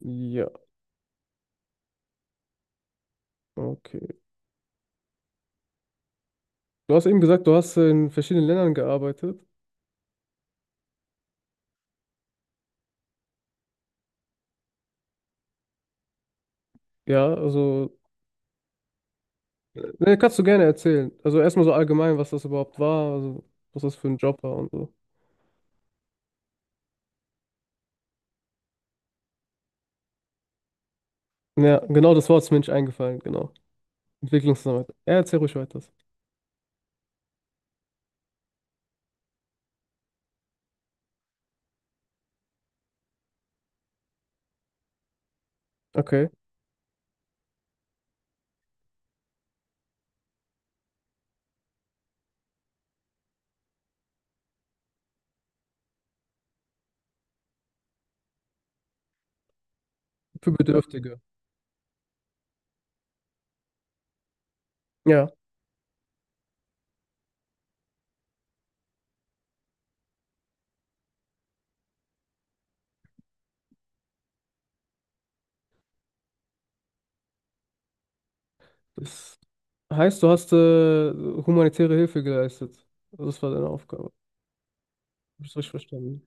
Ja, okay. Du hast eben gesagt, du hast in verschiedenen Ländern gearbeitet. Ja, also, ne, kannst du gerne erzählen. Also erstmal so allgemein, was das überhaupt war, also was das für ein Job war und so. Ja, genau das Wort ist mir nicht eingefallen, genau. Entwicklungsarbeit. Ja, erzähl ruhig weiter. Okay. Für Bedürftige. Ja. Das heißt, du hast humanitäre Hilfe geleistet. Das war deine Aufgabe. Hab ich das richtig verstanden?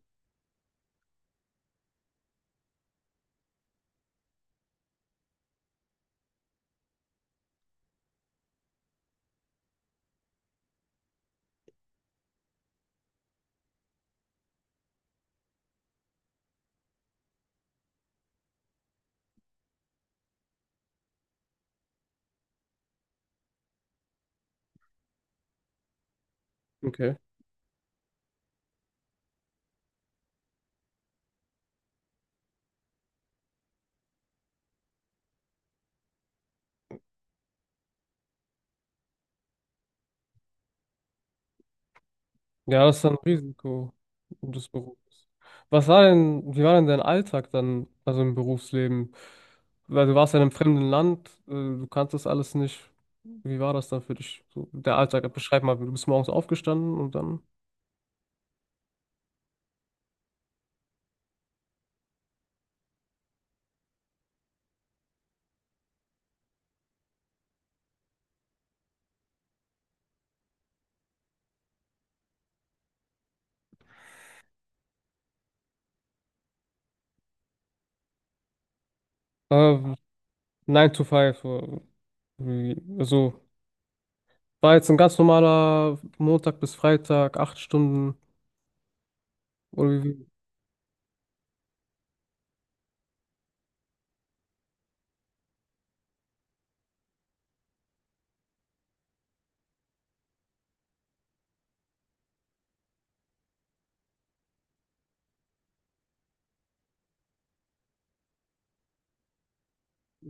Okay. Ja, das ist ein Risiko des Berufs. Was war denn, wie war denn dein Alltag dann, also im Berufsleben? Weil du warst ja in einem fremden Land, du kanntest alles nicht. Wie war das dann für dich? So, der Alltag, beschreib mal, du bist morgens aufgestanden und dann äh, 9 to five. Wie, also war jetzt ein ganz normaler Montag bis Freitag, acht Stunden. Oder wie,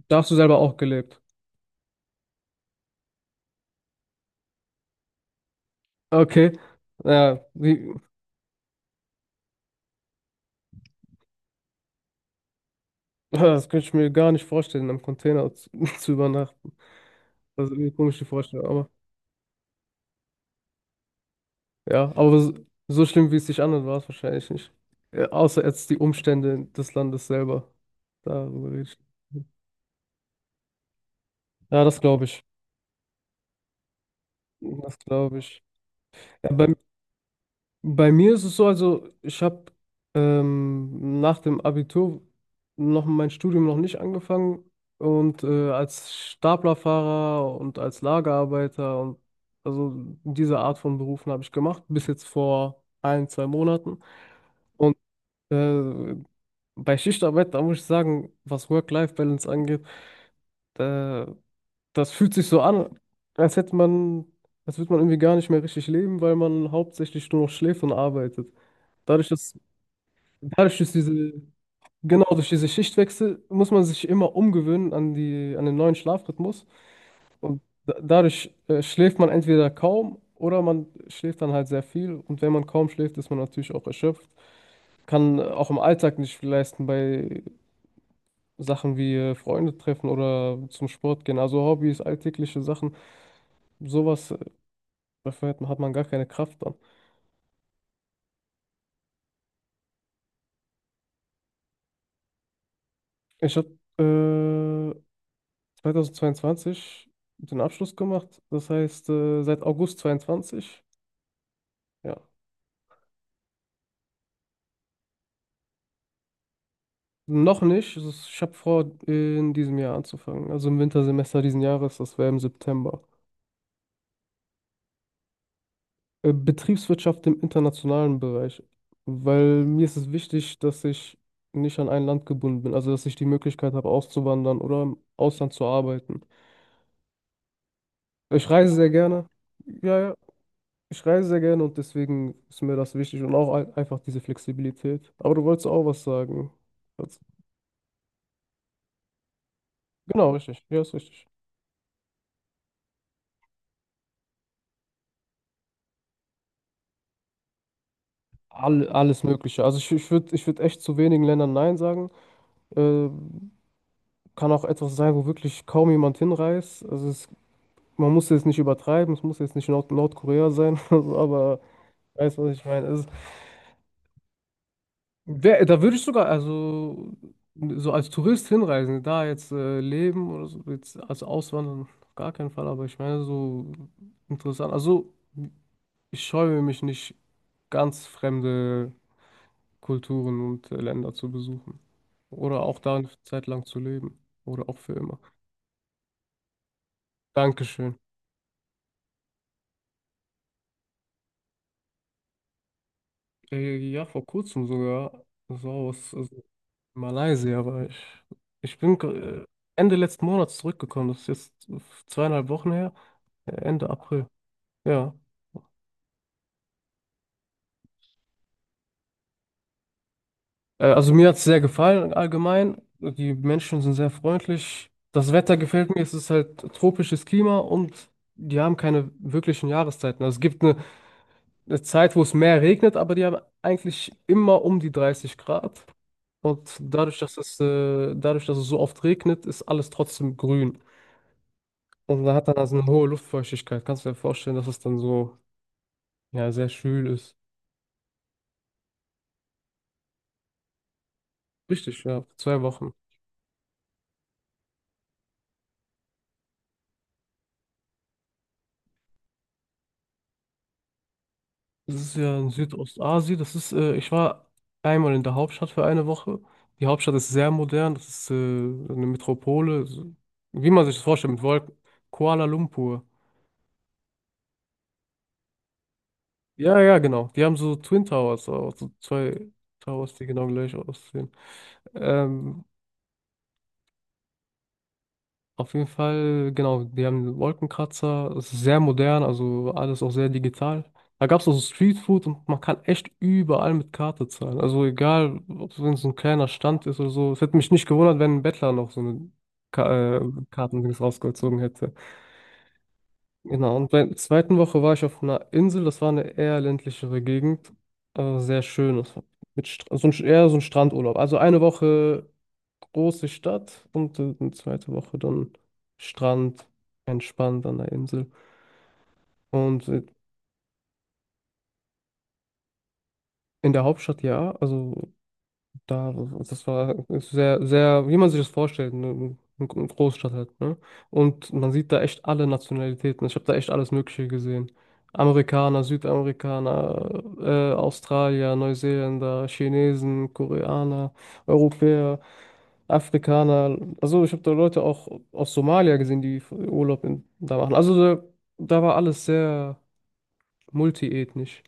da hast du selber auch gelebt? Okay. Ja, wie, das könnte ich mir gar nicht vorstellen, im Container zu, zu übernachten. Das ist irgendwie eine komische Vorstellung, aber ja, aber so, so schlimm, wie es sich anhört, war es wahrscheinlich nicht. Außer jetzt die Umstände des Landes selber. Darüber rede ich. Ja, das glaube ich. Das glaube ich. Ja, bei, bei mir ist es so, also ich habe nach dem Abitur noch mein Studium noch nicht angefangen und als Staplerfahrer und als Lagerarbeiter und also diese Art von Berufen habe ich gemacht, bis jetzt vor ein, zwei Monaten. Und äh, bei Schichtarbeit, da muss ich sagen, was Work-Life-Balance angeht, da, das fühlt sich so an, als hätte man, als würde man irgendwie gar nicht mehr richtig leben, weil man hauptsächlich nur noch schläft und arbeitet. Dadurch, dass, dadurch, dass diese, genau durch diese Schichtwechsel muss man sich immer umgewöhnen an die, an den neuen Schlafrhythmus. Und da, dadurch schläft man entweder kaum oder man schläft dann halt sehr viel. Und wenn man kaum schläft, ist man natürlich auch erschöpft, kann auch im Alltag nicht viel leisten bei Sachen wie Freunde treffen oder zum Sport gehen, also Hobbys, alltägliche Sachen, sowas, dafür hat man gar keine Kraft dann. Ich habe äh, 2022 den Abschluss gemacht, das heißt seit August 22, ja, noch nicht, es ist- ich habe vor, in diesem Jahr anzufangen, also im Wintersemester diesen Jahres, das wäre im September. Betriebswirtschaft im internationalen Bereich, weil mir ist es wichtig, dass ich nicht an ein Land gebunden bin, also dass ich die Möglichkeit habe, auszuwandern oder im Ausland zu arbeiten. Ich reise sehr gerne. Ja, ja, ich reise sehr gerne und deswegen ist mir das wichtig und auch ein- einfach diese Flexibilität. Aber du wolltest auch was sagen. Das- Genau, richtig. Ja, ist richtig. All, alles Mögliche. Also ich würde ich würd echt zu wenigen Ländern Nein sagen. Äh, kann auch etwas sein, wo wirklich kaum jemand hinreist. Also es man muss jetzt nicht übertreiben, es muss jetzt nicht Nord Nordkorea sein, also, aber weißt du, was ich meine? Also, wär, da würde ich sogar, also so als Tourist hinreisen, da jetzt leben oder so, jetzt als Auswandern, auf gar keinen Fall, aber ich meine, so interessant. Also, ich scheue mich nicht, ganz fremde Kulturen und Länder zu besuchen. Oder auch da eine Zeit lang zu leben. Oder auch für immer. Dankeschön. Ja, vor kurzem sogar. So was. Also, Malaysia war ich. Ich bin Ende letzten Monats zurückgekommen. Das ist jetzt zweieinhalb Wochen her. Ende April. Ja. Also mir hat es sehr gefallen allgemein. Die Menschen sind sehr freundlich. Das Wetter gefällt mir. Es ist halt tropisches Klima und die haben keine wirklichen Jahreszeiten. Also es gibt eine Zeit, wo es mehr regnet, aber die haben eigentlich immer um die 30 Grad. Und dadurch, dass es so oft regnet, ist alles trotzdem grün. Und da hat dann also eine hohe Luftfeuchtigkeit. Kannst du dir vorstellen, dass es dann so, ja, sehr schwül ist. Richtig, ja, für 2 Wochen. Das ist ja in Südostasien. Das ist, ich war einmal in der Hauptstadt für eine Woche. Die Hauptstadt ist sehr modern. Das ist, eine Metropole. So, wie man sich das vorstellt, mit Wolken. Kuala Lumpur. Ja, ja, genau. Die haben so Twin Towers, auch, so zwei Towers, die genau gleich aussehen. Ähm, Auf jeden Fall, genau, die haben einen Wolkenkratzer, es ist sehr modern, also alles auch sehr digital. Da gab es auch so Streetfood und man kann echt überall mit Karte zahlen. Also egal, ob es wenn es ein kleiner Stand ist oder so. Es hätte mich nicht gewundert, wenn ein Bettler noch so eine Ka Kartendings rausgezogen hätte. Genau, und bei der zweiten Woche war ich auf einer Insel, das war eine eher ländlichere Gegend, aber sehr schön. Das war mit Stra so ein, eher so ein Strandurlaub. Also eine Woche große Stadt und eine zweite Woche dann Strand, entspannt an der Insel. Und in der Hauptstadt ja, also da, das war sehr, sehr, wie man sich das vorstellt, eine Großstadt halt, ne? Und man sieht da echt alle Nationalitäten. Ich habe da echt alles Mögliche gesehen. Amerikaner, Südamerikaner, Australier, Neuseeländer, Chinesen, Koreaner, Europäer, Afrikaner. Also ich habe da Leute auch aus Somalia gesehen, die Urlaub in, da machen. Also da, da war alles sehr multiethnisch.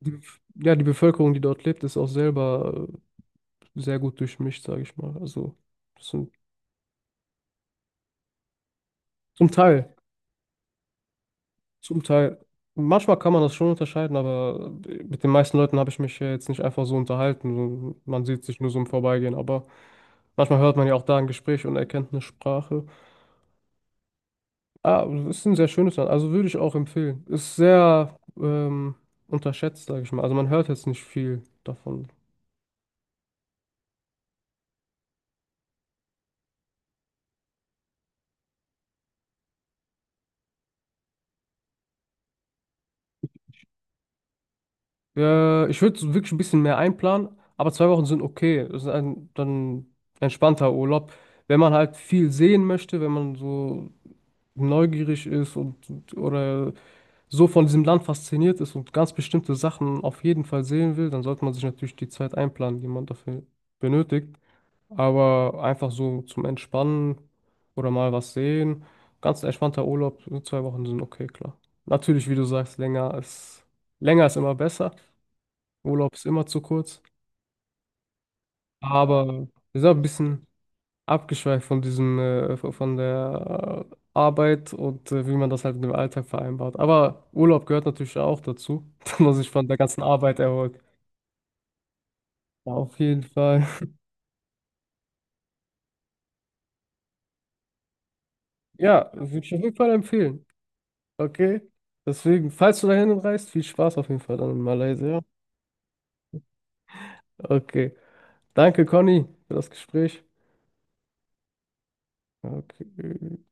Die, ja, die Bevölkerung, die dort lebt, ist auch selber sehr gut durchmischt, sage ich mal. Also zum, zum Teil, zum Teil. Manchmal kann man das schon unterscheiden, aber mit den meisten Leuten habe ich mich ja jetzt nicht einfach so unterhalten. So, man sieht sich nur so im Vorbeigehen, aber manchmal hört man ja auch da ein Gespräch und erkennt eine Sprache. Ah, das ist ein sehr schönes Land, also würde ich auch empfehlen. Ist sehr unterschätzt, sage ich mal. Also man hört jetzt nicht viel davon. Ich würde wirklich ein bisschen mehr einplanen, aber zwei Wochen sind okay. Das ist ein dann entspannter Urlaub. Wenn man halt viel sehen möchte, wenn man so neugierig ist und- oder so von diesem Land fasziniert ist und ganz bestimmte Sachen auf jeden Fall sehen will, dann sollte man sich natürlich die Zeit einplanen, die man dafür benötigt. Aber einfach so zum Entspannen oder mal was sehen, ganz entspannter Urlaub, so 2 Wochen sind okay, klar. Natürlich, wie du sagst, länger ist immer besser. Urlaub ist immer zu kurz. Aber wir sind auch ein bisschen abgeschweift von diesem, von der Arbeit und wie man das halt mit dem Alltag vereinbart. Aber Urlaub gehört natürlich auch dazu, dass man sich von der ganzen Arbeit erholt. Auf jeden Fall. Ja, würde ich auf jeden Fall empfehlen. Okay. Deswegen, falls du dahin reist, viel Spaß auf jeden Fall dann in Malaysia. Okay. Danke, Conny, für das Gespräch. Okay.